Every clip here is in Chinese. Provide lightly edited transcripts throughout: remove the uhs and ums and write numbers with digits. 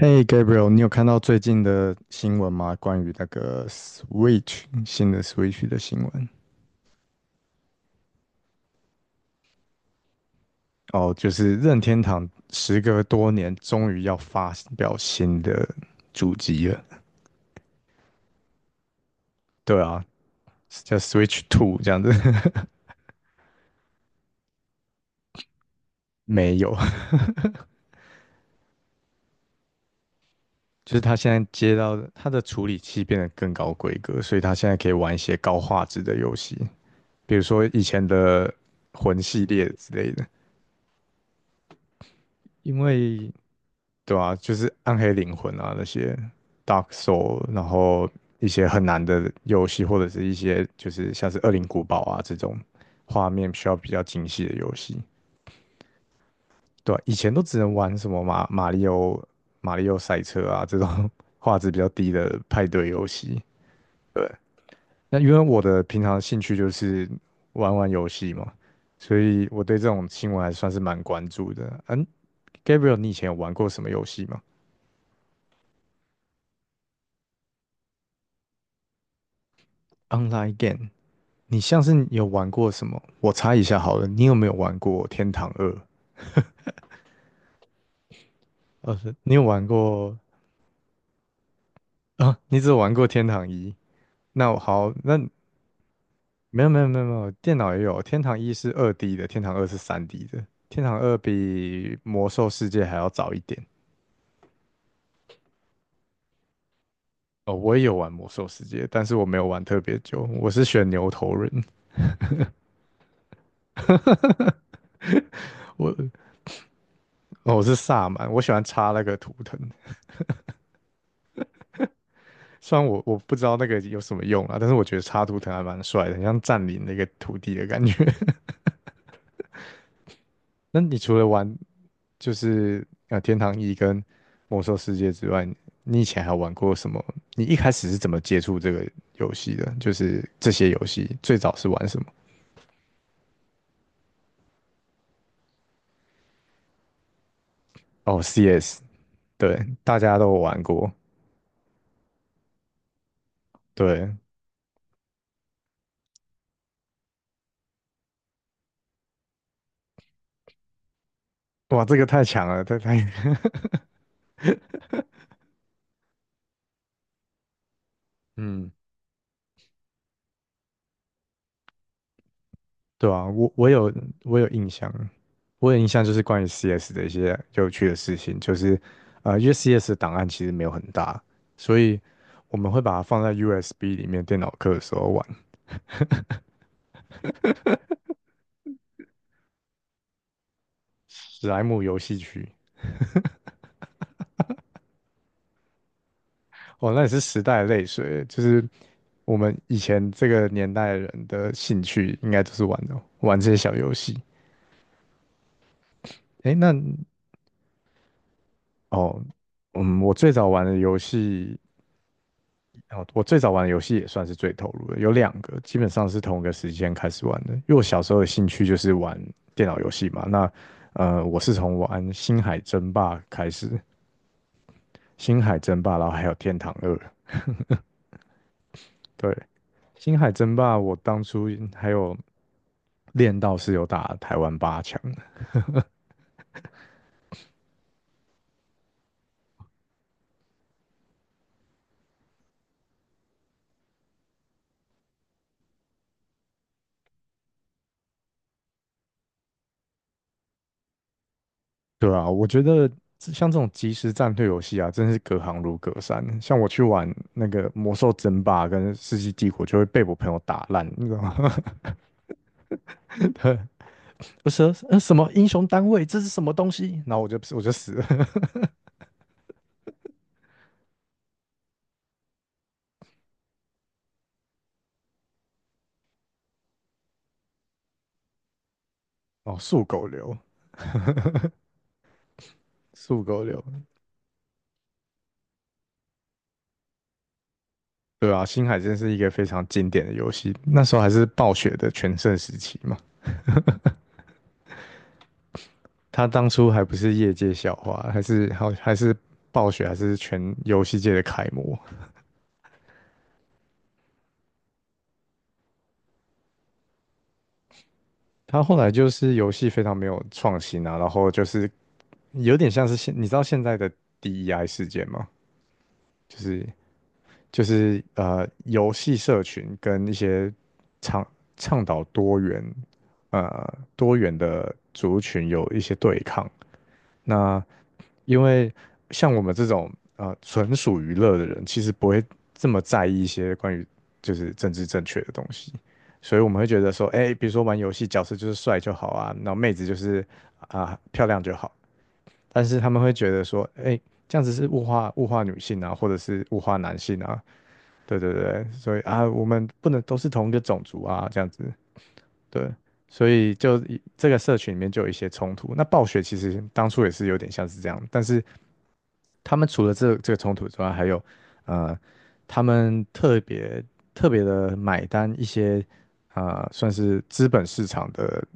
嘿 Gabriel，你有看到最近的新闻吗？关于新的 Switch 的新闻哦，就是任天堂时隔多年终于要发表新的主机了。对啊，叫 Switch Two 这样子，没有，就是他现在接到的它的处理器变得更高规格，所以他现在可以玩一些高画质的游戏，比如说以前的魂系列之类的。因为对啊，就是暗黑灵魂啊那些 Dark Soul，然后一些很难的游戏，或者是一些就是像是《恶灵古堡》啊这种画面需要比较精细的游戏。对啊以前都只能玩什么马里奥、马里奥赛车啊这种 画质比较低的派对游戏。对，那因为我的平常兴趣就是玩玩游戏嘛，所以我对这种新闻还算是蛮关注的。嗯，Gabriel，你以前有玩过什么游戏吗？Online game，你像是有玩过什么？我猜一下好了，你有没有玩过《天堂二》？你有玩过啊？你只有玩过《天堂一》？那我好，那没有没有没有没有，电脑也有，《天堂一》是2D 的，《天堂二》是3D 的，《天堂二》比《魔兽世界》还要早一点。哦，我也有玩《魔兽世界》，但是我没有玩特别久，我是选牛头人，我哦我是萨满，我喜欢插那个图腾。虽然我不知道那个有什么用啊，但是我觉得插图腾还蛮帅的，很像占领那个土地的感觉。那你除了玩就是天堂一跟魔兽世界之外，你以前还有玩过什么？你一开始是怎么接触这个游戏的？就是这些游戏最早是玩什么？哦，CS，对，大家都有玩过，对，哇，这个太强了，嗯，对啊，我有印象，我有印象就是关于 CS 的一些有趣的事情，就是因为 CS 的档案其实没有很大，所以我们会把它放在 USB 里面电脑课的时候玩，史莱姆游戏区。哦，那也是时代的泪水，就是我们以前这个年代的人的兴趣应该就是玩这些小游戏。诶，那哦，嗯，我最早玩的游戏也算是最投入的，有两个基本上是同一个时间开始玩的。因为我小时候的兴趣就是玩电脑游戏嘛，那我是从玩《星海争霸》开始，《星海争霸》，然后还有《天堂二》。对，《星海争霸》我当初还有练到是有打台湾八强的。对啊，我觉得像这种即时战略游戏啊，真是隔行如隔山。像我去玩那个《魔兽争霸》跟《世纪帝国》，就会被我朋友打烂，你知道吗？对。不是，什么英雄单位，这是什么东西？然后我就死了。哦，速狗流，速狗流，对啊，星海真是一个非常经典的游戏，那时候还是暴雪的全盛时期嘛。他当初还不是业界笑话，还是暴雪，还是全游戏界的楷模。他后来就是游戏非常没有创新啊，然后就是有点像是你知道现在的 DEI 事件吗？就是就是游戏社群跟一些倡倡导多元多元的那，因为像我们这种纯属娱乐的人，其实不会这么在意一些关于就是政治正确的东西，所以我们会觉得说，哎、比如说玩游戏角色就是帅就好啊，那妹子就是啊、漂亮就好，但是他们会觉得说，哎，这样子是物化女性啊，或者是物化男性啊，对对对，所以啊，我们不能都是同一个种族啊，这样子，对，所以就这个社群里面就有一些冲突。那暴雪其实当初也是有点像是这样，但是他们除了这个冲突之外，还有呃，他们特别特别的买单一些啊、算是资本市场的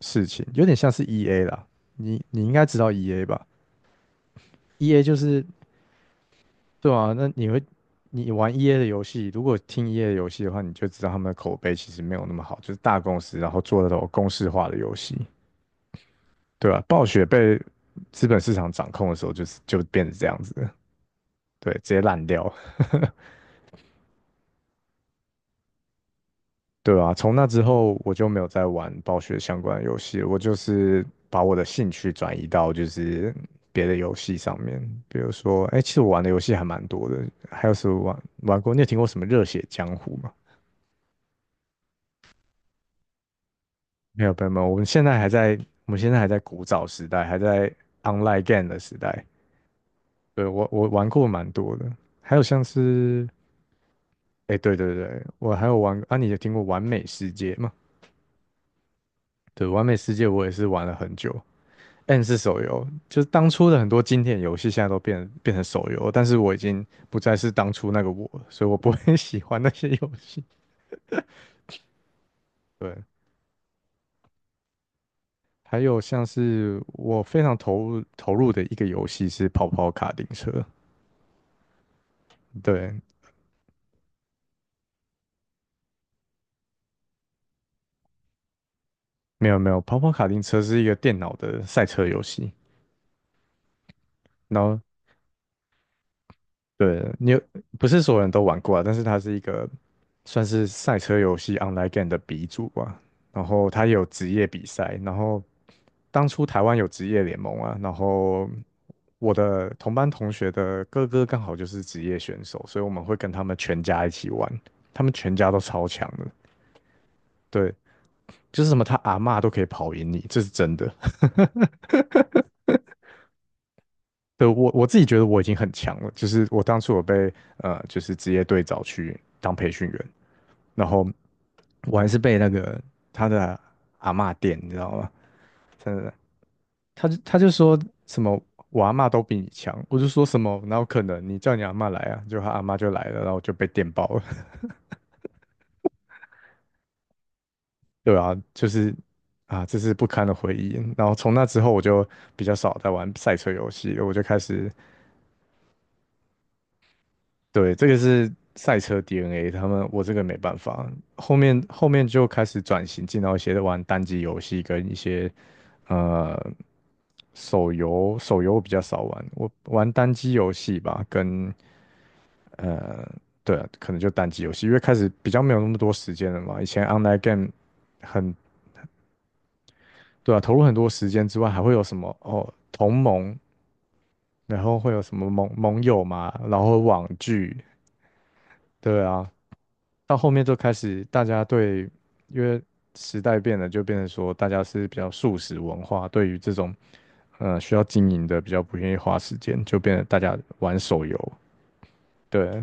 事情，有点像是 EA 啦，你应该知道 EA 吧？EA 就是对啊，那你玩 EA 的游戏，如果听 EA 的游戏的话，你就知道他们的口碑其实没有那么好，就是大公司然后做的那种公式化的游戏，对啊，暴雪被资本市场掌控的时候，就变成这样子了，对，直接烂掉，对啊，从那之后我就没有再玩暴雪相关的游戏了，我就是把我的兴趣转移到就是别的游戏上面，比如说，哎，其实我玩的游戏还蛮多的，还有什么玩过？你有听过什么《热血江湖》吗？没有朋友们，我们现在还在古早时代，还在 online game 的时代。对，我玩过蛮多的，还有像是，哎，对对对，我还有玩啊，你有听过《完美世界》吗？对，《完美世界》我也是玩了很久。N 是手游，就是当初的很多经典游戏现在都变成手游，但是我已经不再是当初那个我了，所以我不会 喜欢那些游戏。对，还有像是我非常投入投入的一个游戏是跑跑卡丁车。对，没有没有，跑跑卡丁车是一个电脑的赛车游戏，然后对不是所有人都玩过啊，但是它是一个算是赛车游戏 online game 的鼻祖吧。然后它也有职业比赛，然后当初台湾有职业联盟啊，然后我的同班同学的哥哥刚好就是职业选手，所以我们会跟他们全家一起玩，他们全家都超强的，对，就是什么他阿嬷都可以跑赢你，这是真的。对，我自己觉得我已经很强了，就是我当初就是职业队找去当培训员，然后我还是被那个他的阿嬷电，你知道吗？真的，他就说什么我阿嬷都比你强，我就说什么哪有可能？你叫你阿嬷来啊，就他阿嬷就来了，然后我就被电爆了。对啊，就是啊，这是不堪的回忆。然后从那之后我就比较少在玩赛车游戏了，我就开始。对，这个是赛车 DNA，他们我这个没办法。后面就开始转型，进到一些玩单机游戏跟一些呃手游，手游我比较少玩，我玩单机游戏吧，呃对啊，可能就单机游戏，因为开始比较没有那么多时间了嘛。以前 online game 很对啊，投入很多时间之外，还会有什么同盟，然后会有什么盟友嘛，然后网剧，对啊，到后面就开始大家对，因为时代变了，就变成说大家是比较素食文化，对于这种需要经营的比较不愿意花时间，就变得大家玩手游。对，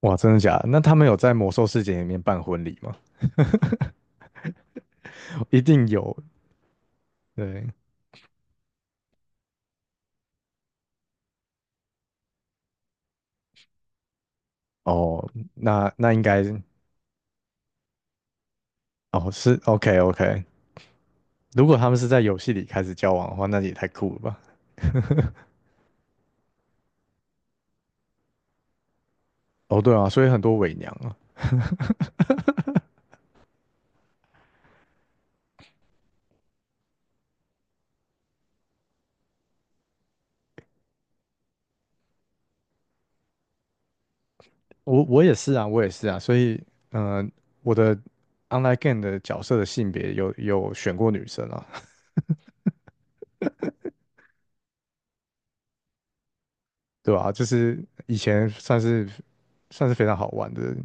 哇，真的假的？那他们有在魔兽世界里面办婚礼吗？一定有。对，哦，那应该哦是 OK OK。如果他们是在游戏里开始交往的话，那也太酷了吧？哦，对啊，所以很多伪娘啊。我也是啊，我也是啊，所以，嗯、我的 online game 的角色的性别有选过女生啊，对吧、就是以前算是非常好玩的，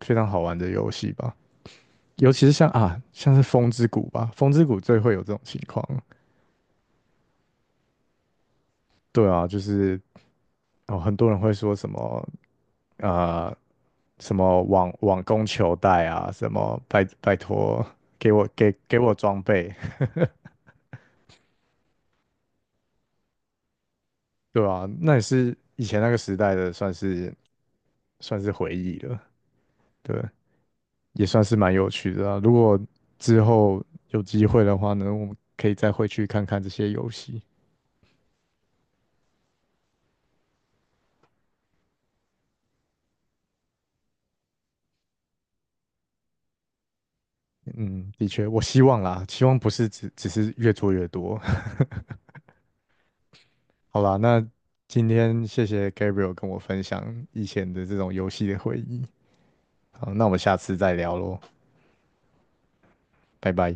非常好玩的游戏吧。尤其是像是风之谷吧，风之谷最会有这种情况。对啊，就是哦，很多人会说什么啊，什么网工求带啊，什么拜托给我装备，对啊，那也是以前那个时代的，算是回忆了，对，也算是蛮有趣的啊。如果之后有机会的话呢，我们可以再回去看看这些游戏。嗯，的确，我希望啦，希望不是只是越做越多。好啦，那今天谢谢 Gabriel 跟我分享以前的这种游戏的回忆。好，那我们下次再聊喽，拜拜。